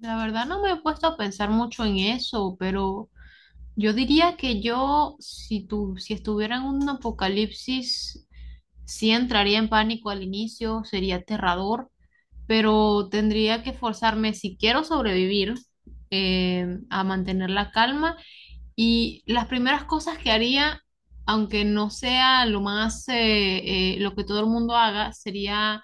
La verdad no me he puesto a pensar mucho en eso, pero yo diría que yo, si tu, si estuviera en un apocalipsis, sí entraría en pánico al inicio, sería aterrador, pero tendría que forzarme, si quiero sobrevivir, a mantener la calma. Y las primeras cosas que haría, aunque no sea lo más, lo que todo el mundo haga, sería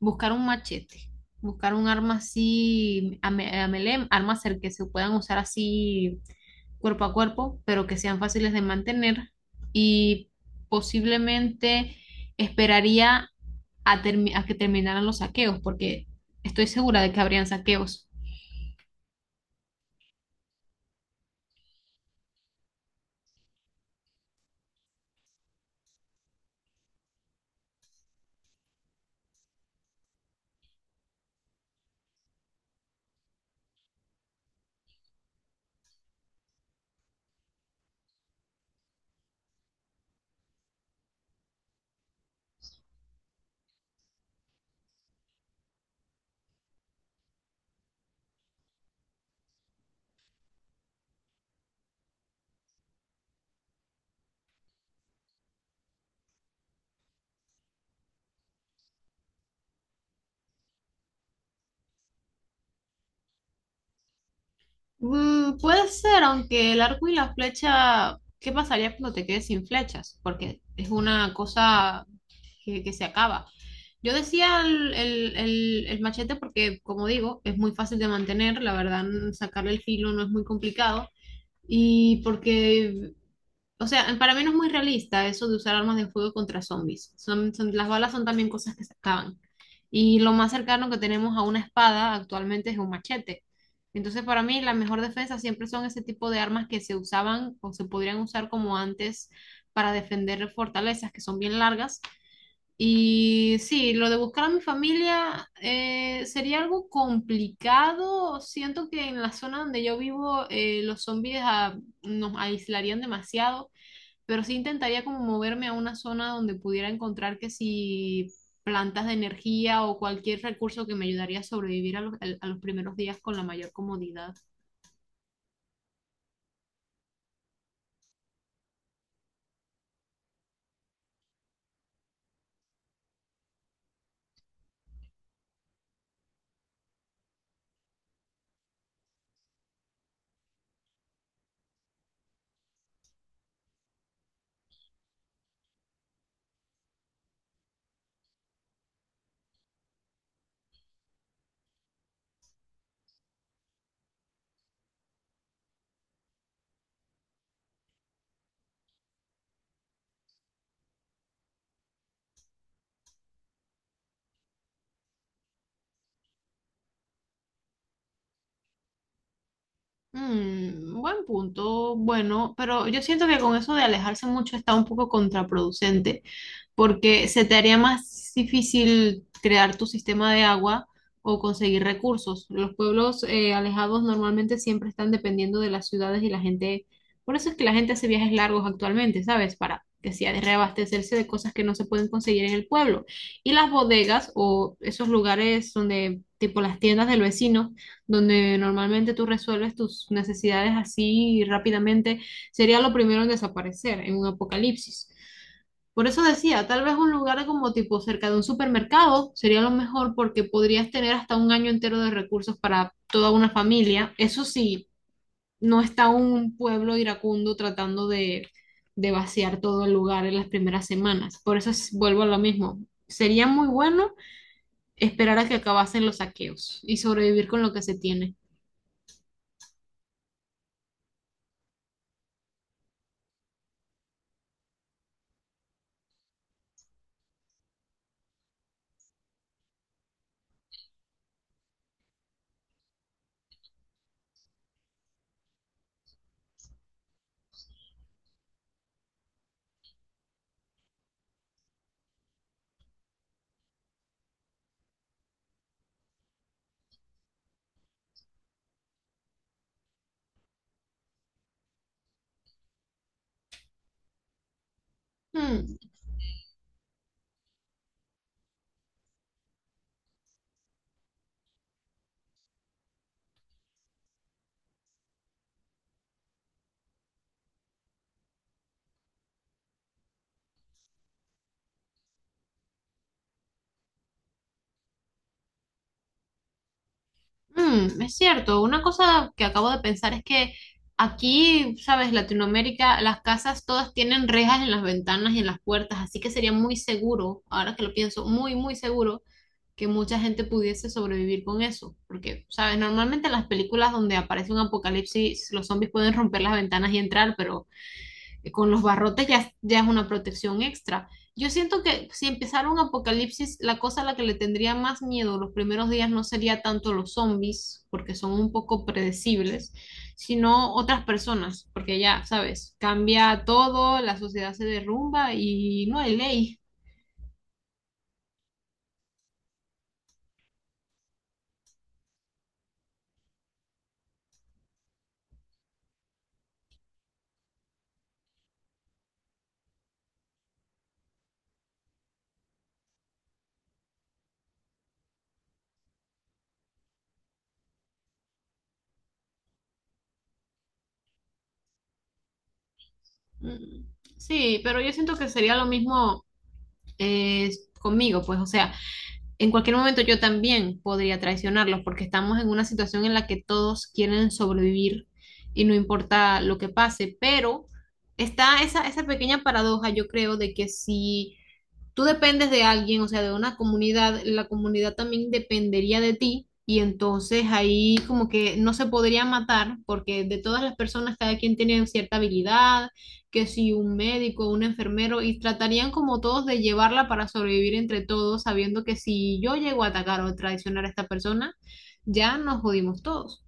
buscar un machete, buscar un arma así, a melee, armas el que se puedan usar así cuerpo a cuerpo, pero que sean fáciles de mantener y posiblemente esperaría a, a que terminaran los saqueos, porque estoy segura de que habrían saqueos. Mm, puede ser, aunque el arco y la flecha, ¿qué pasaría cuando te quedes sin flechas? Porque es una cosa que se acaba. Yo decía el machete porque, como digo, es muy fácil de mantener, la verdad, sacarle el filo no es muy complicado. Y porque, o sea, para mí no es muy realista eso de usar armas de fuego contra zombies. Las balas son también cosas que se acaban. Y lo más cercano que tenemos a una espada actualmente es un machete. Entonces, para mí, la mejor defensa siempre son ese tipo de armas que se usaban o se podrían usar como antes para defender fortalezas que son bien largas y sí, lo de buscar a mi familia sería algo complicado. Siento que en la zona donde yo vivo los zombies nos aislarían demasiado, pero sí intentaría como moverme a una zona donde pudiera encontrar que si plantas de energía o cualquier recurso que me ayudaría a sobrevivir a a los primeros días con la mayor comodidad. Mm, buen punto, bueno, pero yo siento que con eso de alejarse mucho está un poco contraproducente, porque se te haría más difícil crear tu sistema de agua o conseguir recursos. Los pueblos alejados normalmente siempre están dependiendo de las ciudades y la gente, por eso es que la gente hace viajes largos actualmente, ¿sabes? Para que sea de reabastecerse de cosas que no se pueden conseguir en el pueblo. Y las bodegas o esos lugares donde, tipo las tiendas del vecino, donde normalmente tú resuelves tus necesidades así rápidamente, sería lo primero en desaparecer en un apocalipsis. Por eso decía, tal vez un lugar como tipo cerca de un supermercado sería lo mejor porque podrías tener hasta un año entero de recursos para toda una familia. Eso sí, no está un pueblo iracundo tratando de vaciar todo el lugar en las primeras semanas. Vuelvo a lo mismo. Sería muy bueno esperar a que acabasen los saqueos y sobrevivir con lo que se tiene. Hmm. Mm, es cierto, una cosa que acabo de pensar es que aquí, sabes, Latinoamérica, las casas todas tienen rejas en las ventanas y en las puertas, así que sería muy seguro, ahora que lo pienso, muy, muy seguro que mucha gente pudiese sobrevivir con eso, porque, sabes, normalmente en las películas donde aparece un apocalipsis, los zombies pueden romper las ventanas y entrar, pero con los barrotes ya, ya es una protección extra. Yo siento que si empezara un apocalipsis, la cosa a la que le tendría más miedo los primeros días no sería tanto los zombies, porque son un poco predecibles, sino otras personas, porque ya, sabes, cambia todo, la sociedad se derrumba y no hay ley. Mm. Sí, pero yo siento que sería lo mismo eh, conmigo, pues, o sea, en cualquier momento yo también podría traicionarlos porque estamos en una situación en la que todos quieren sobrevivir y no importa lo que pase, pero está esa, esa pequeña paradoja, yo creo, de que si tú dependes de alguien, o sea, de una comunidad, la comunidad también dependería de ti y entonces ahí como que no se podría matar porque de todas las personas cada quien tiene cierta habilidad, que si un médico, un enfermero y tratarían como todos de llevarla para sobrevivir entre todos, sabiendo que si yo llego a atacar o traicionar a esta persona, ya nos jodimos todos.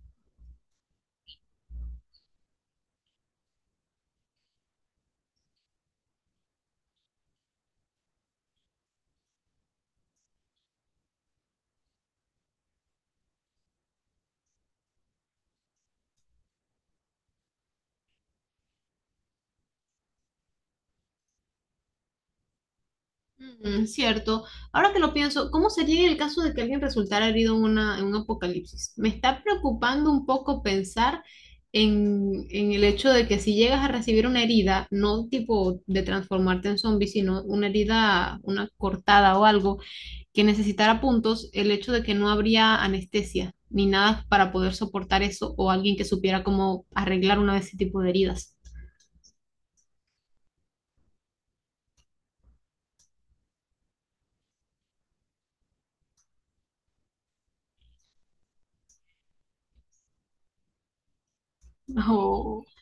Mm, cierto. Ahora que lo pienso, ¿cómo sería en el caso de que alguien resultara herido en, una, en un apocalipsis? Me está preocupando un poco pensar en el hecho de que si llegas a recibir una herida, no tipo de transformarte en zombie, sino una herida, una cortada o algo que necesitara puntos, el hecho de que no habría anestesia ni nada para poder soportar eso o alguien que supiera cómo arreglar una de ese tipo de heridas.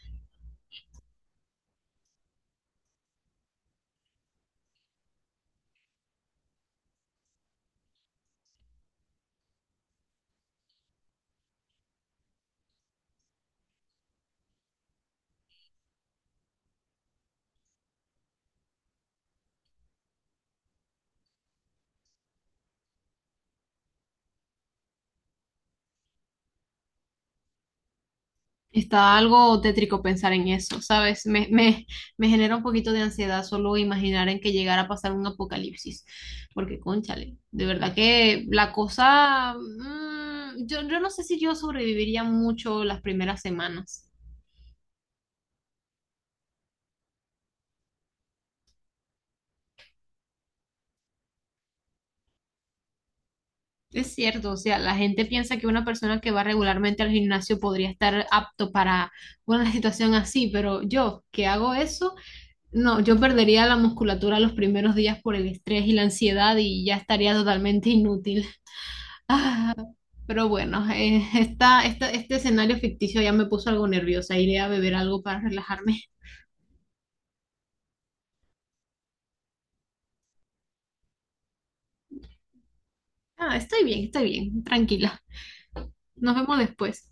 Está algo tétrico pensar en eso, ¿sabes? Me genera un poquito de ansiedad solo imaginar en que llegara a pasar un apocalipsis, porque cónchale, de verdad que la cosa, mm, yo no sé si yo sobreviviría mucho las primeras semanas. Es cierto, o sea, la gente piensa que una persona que va regularmente al gimnasio podría estar apto para una situación así, pero yo que hago eso, no, yo perdería la musculatura los primeros días por el estrés y la ansiedad y ya estaría totalmente inútil. Ah, pero bueno, este escenario ficticio ya me puso algo nerviosa. Iré a beber algo para relajarme. Ah, estoy bien, tranquila. Nos vemos después.